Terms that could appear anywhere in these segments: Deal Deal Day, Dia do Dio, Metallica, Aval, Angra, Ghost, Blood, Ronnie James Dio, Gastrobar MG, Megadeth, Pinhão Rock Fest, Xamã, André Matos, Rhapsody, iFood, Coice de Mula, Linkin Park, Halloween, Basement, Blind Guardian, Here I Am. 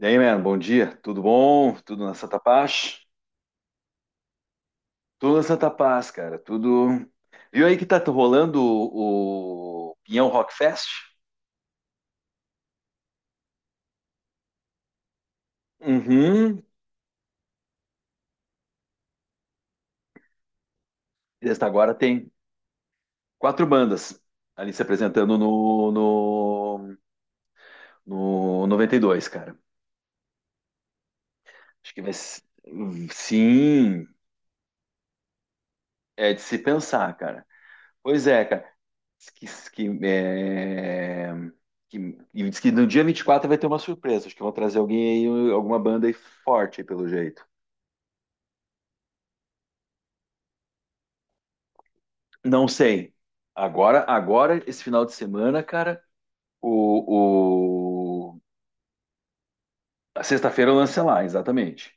E aí, mano, bom dia. Tudo bom? Tudo na Santa Paz? Tudo na Santa Paz, cara. Tudo. Viu aí que tá rolando o Pinhão Rock Fest? Uhum. Desde agora tem quatro bandas ali se apresentando no 92, cara. Acho que vai. Sim, é de se pensar, cara. Pois é, cara. Que, que, é, que, e diz que no dia 24 vai ter uma surpresa. Acho que vão trazer alguém aí, alguma banda aí forte, aí, pelo jeito. Não sei. Agora, esse final de semana, cara, o, o... a sexta-feira lança lá, exatamente.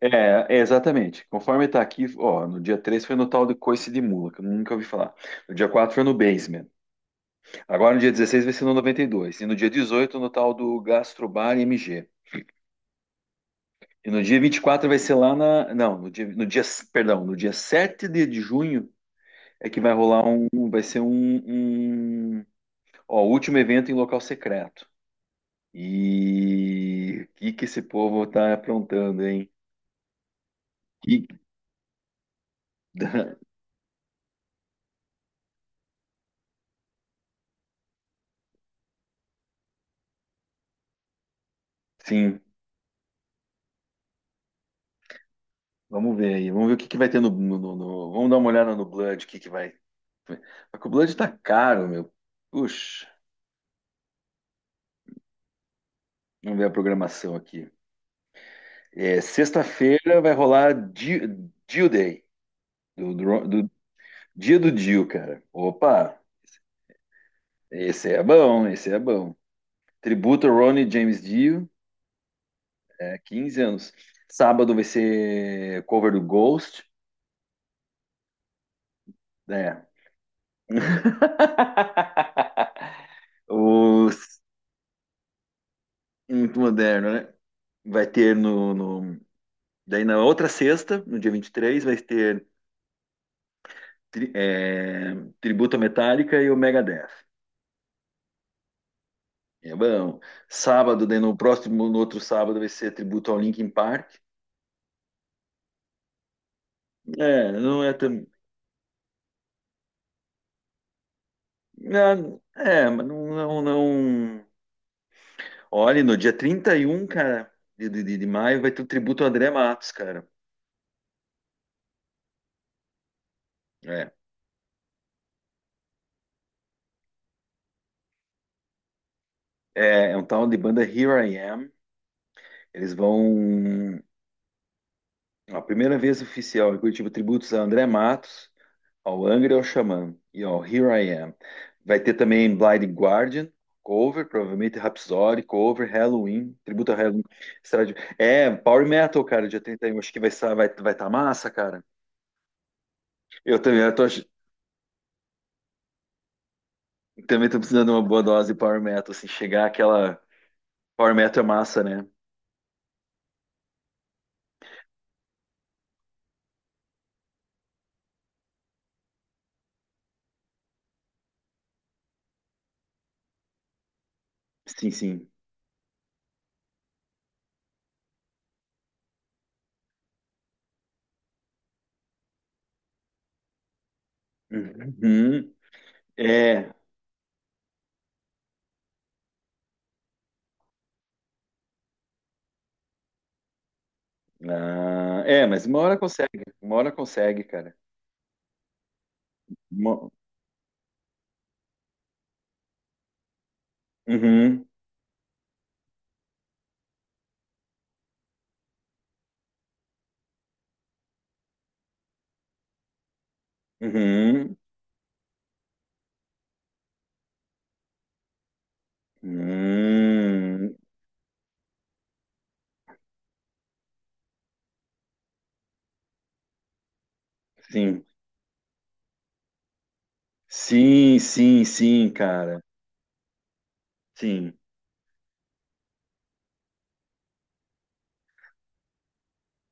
É, é, exatamente. Conforme tá aqui, ó, no dia 3 foi no tal de Coice de Mula, que eu nunca ouvi falar. No dia 4 foi no Basement. Agora no dia 16 vai ser no 92 e no dia 18 no tal do Gastrobar MG. E no dia 24 vai ser lá na. Não, perdão, no dia 7 de junho é que vai rolar um. Vai ser um, um ó, o último evento em local secreto. E o que que esse povo tá aprontando, hein? Que- Sim, vamos ver aí. Vamos ver o que que vai ter Vamos dar uma olhada no Blood, o que que vai. Só que o Blood tá caro, meu. Puxa, vamos ver a programação aqui. É, sexta-feira vai rolar Deal Day do, do Dia do Dio, cara. Opa, esse é bom, esse é bom. Tributo Ronnie James Dio, é, 15 anos. Sábado vai ser cover do Ghost, né? Os- Muito moderno, né? Vai ter daí na outra sexta, no dia 23, vai ter tri- é, tributo à Metallica e o Megadeth. É bom. Sábado, daí no próximo, no outro sábado, vai ser tributo ao Linkin Park. É, não é tão. Ah, é, mas não, não, não. Olha, no dia 31, cara, de maio, vai ter o tributo ao André Matos, cara. É. É um tal de banda Here I Am. Eles vão. A primeira vez oficial em Curitiba, tributos a André Matos, ao Angra e ao Xamã. E ao Here I Am. Vai ter também Blind Guardian, cover, provavelmente Rhapsody, cover, Halloween, tributo a Halloween. É, Power Metal, cara, dia 31. Acho que vai tá massa, cara. Eu também, eu tô, também tô precisando de uma boa dose de Power Metal, assim, chegar aquela. Power Metal é massa, né? Sim, sim. Uhum. É. Ah, é, mas uma hora consegue. Uma hora consegue, cara. Uma- Uhum. Uhum. Uhum. Sim. Sim, sim, sim, cara. Sim.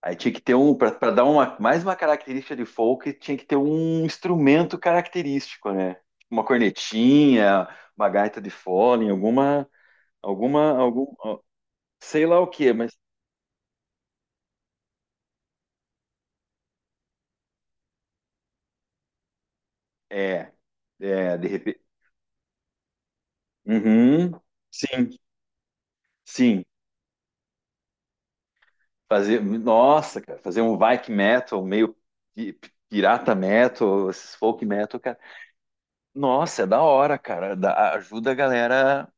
Aí tinha que ter um. Para Pra dar uma, mais uma característica de folk, tinha que ter um instrumento característico, né? Uma cornetinha, uma gaita de fole, alguma. Ó, sei lá o que, mas é, de repente. Uhum, sim, sim. Fazer, nossa, cara, fazer um Viking metal, meio pi- pirata metal, esses folk metal, cara. Nossa, é da hora, cara. Ajuda a galera,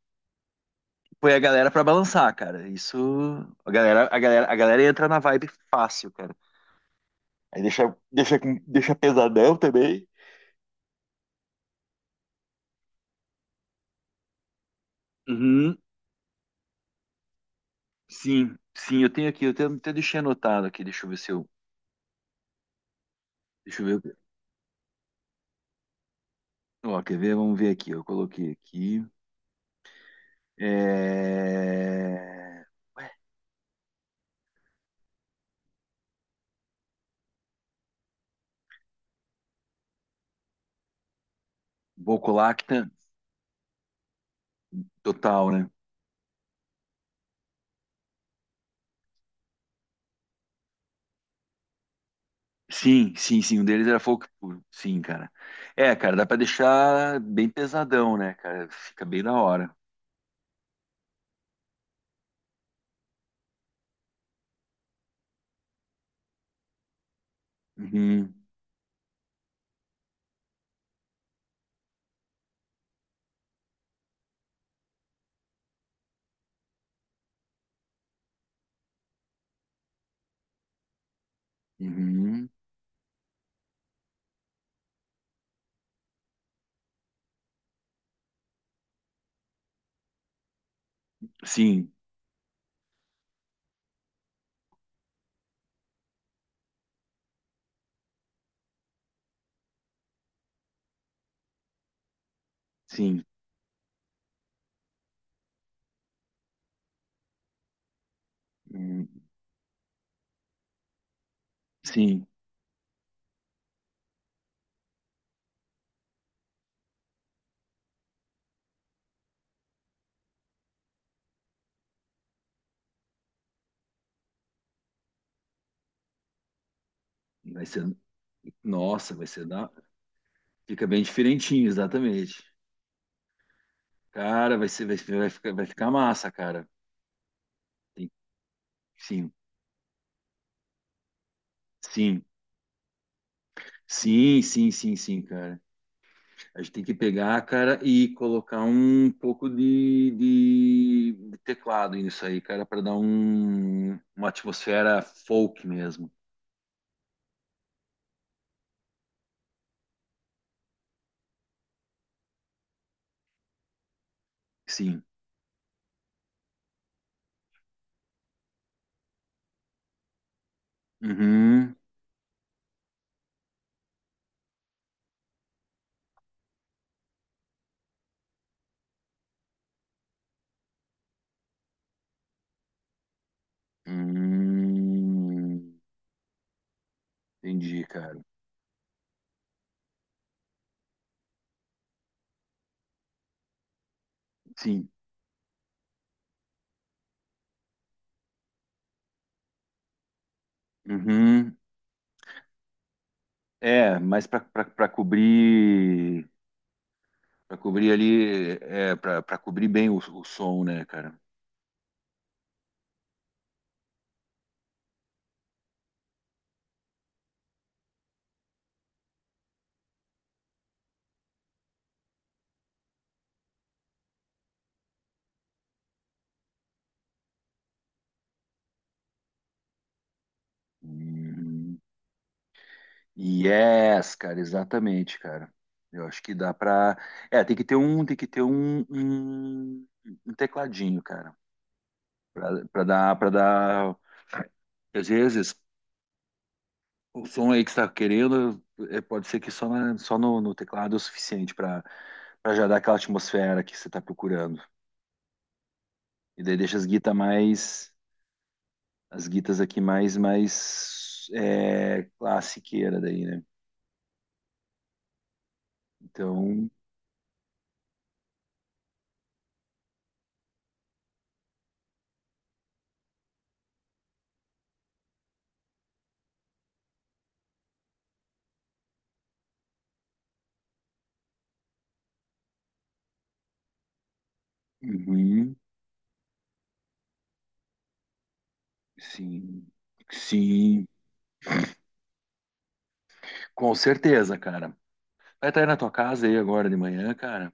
põe a galera pra balançar, cara. Isso, a galera entra na vibe fácil, cara. Aí deixa pesadão também. Uhum, sim, sim, eu tenho aqui, até deixei anotado aqui, deixa eu ver se eu, deixa eu ver. Ó, quer ver? Vamos ver aqui. Eu coloquei aqui. É... Ué, Bocolacta total, né? Sim, sim, sim. Um deles era folk puro. Sim, cara. É, cara, dá pra deixar bem pesadão, né, cara? Fica bem da hora. Uhum, uhum. Sim, sim. Uhum, sim. Vai ser. Nossa, vai ser da. Fica bem diferentinho, exatamente. Cara, vai ficar massa, cara. Tem- Sim, sim. Sim, sim, sim, sim, cara. A gente tem que pegar, cara, e colocar um pouco de teclado nisso aí, cara, para dar uma atmosfera folk mesmo. Sim. Uhum. Hum, entendi, cara. Sim. Uhum. É, mas para cobrir ali, é, para cobrir bem o som, né, cara? Uhum. Yes, cara, exatamente, cara. Eu acho que dá pra. É, tem que ter um, tem que ter um, um, um tecladinho, cara, para dar. Às vezes o som aí que está querendo, é, pode ser que só, só no teclado é o suficiente pra para já dar aquela atmosfera que você tá procurando. E daí deixa as guitas mais, as guitas aqui mais, mais é, classiqueira daí, né? Então, uhum, sim, sim, com certeza, cara. Vai estar aí na tua casa aí agora de manhã, cara.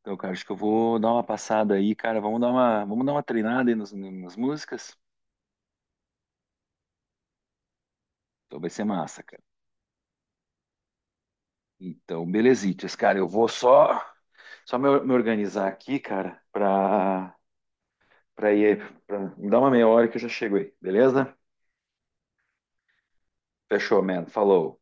Então, cara, acho que eu vou dar uma passada aí, cara. Vamos dar uma treinada aí nas músicas. Então vai ser massa, cara. Então, belezitas, cara. Eu vou só, me organizar aqui, cara, pra ir, me dar uma meia hora que eu já chego aí, beleza? Fechou, man. Falou.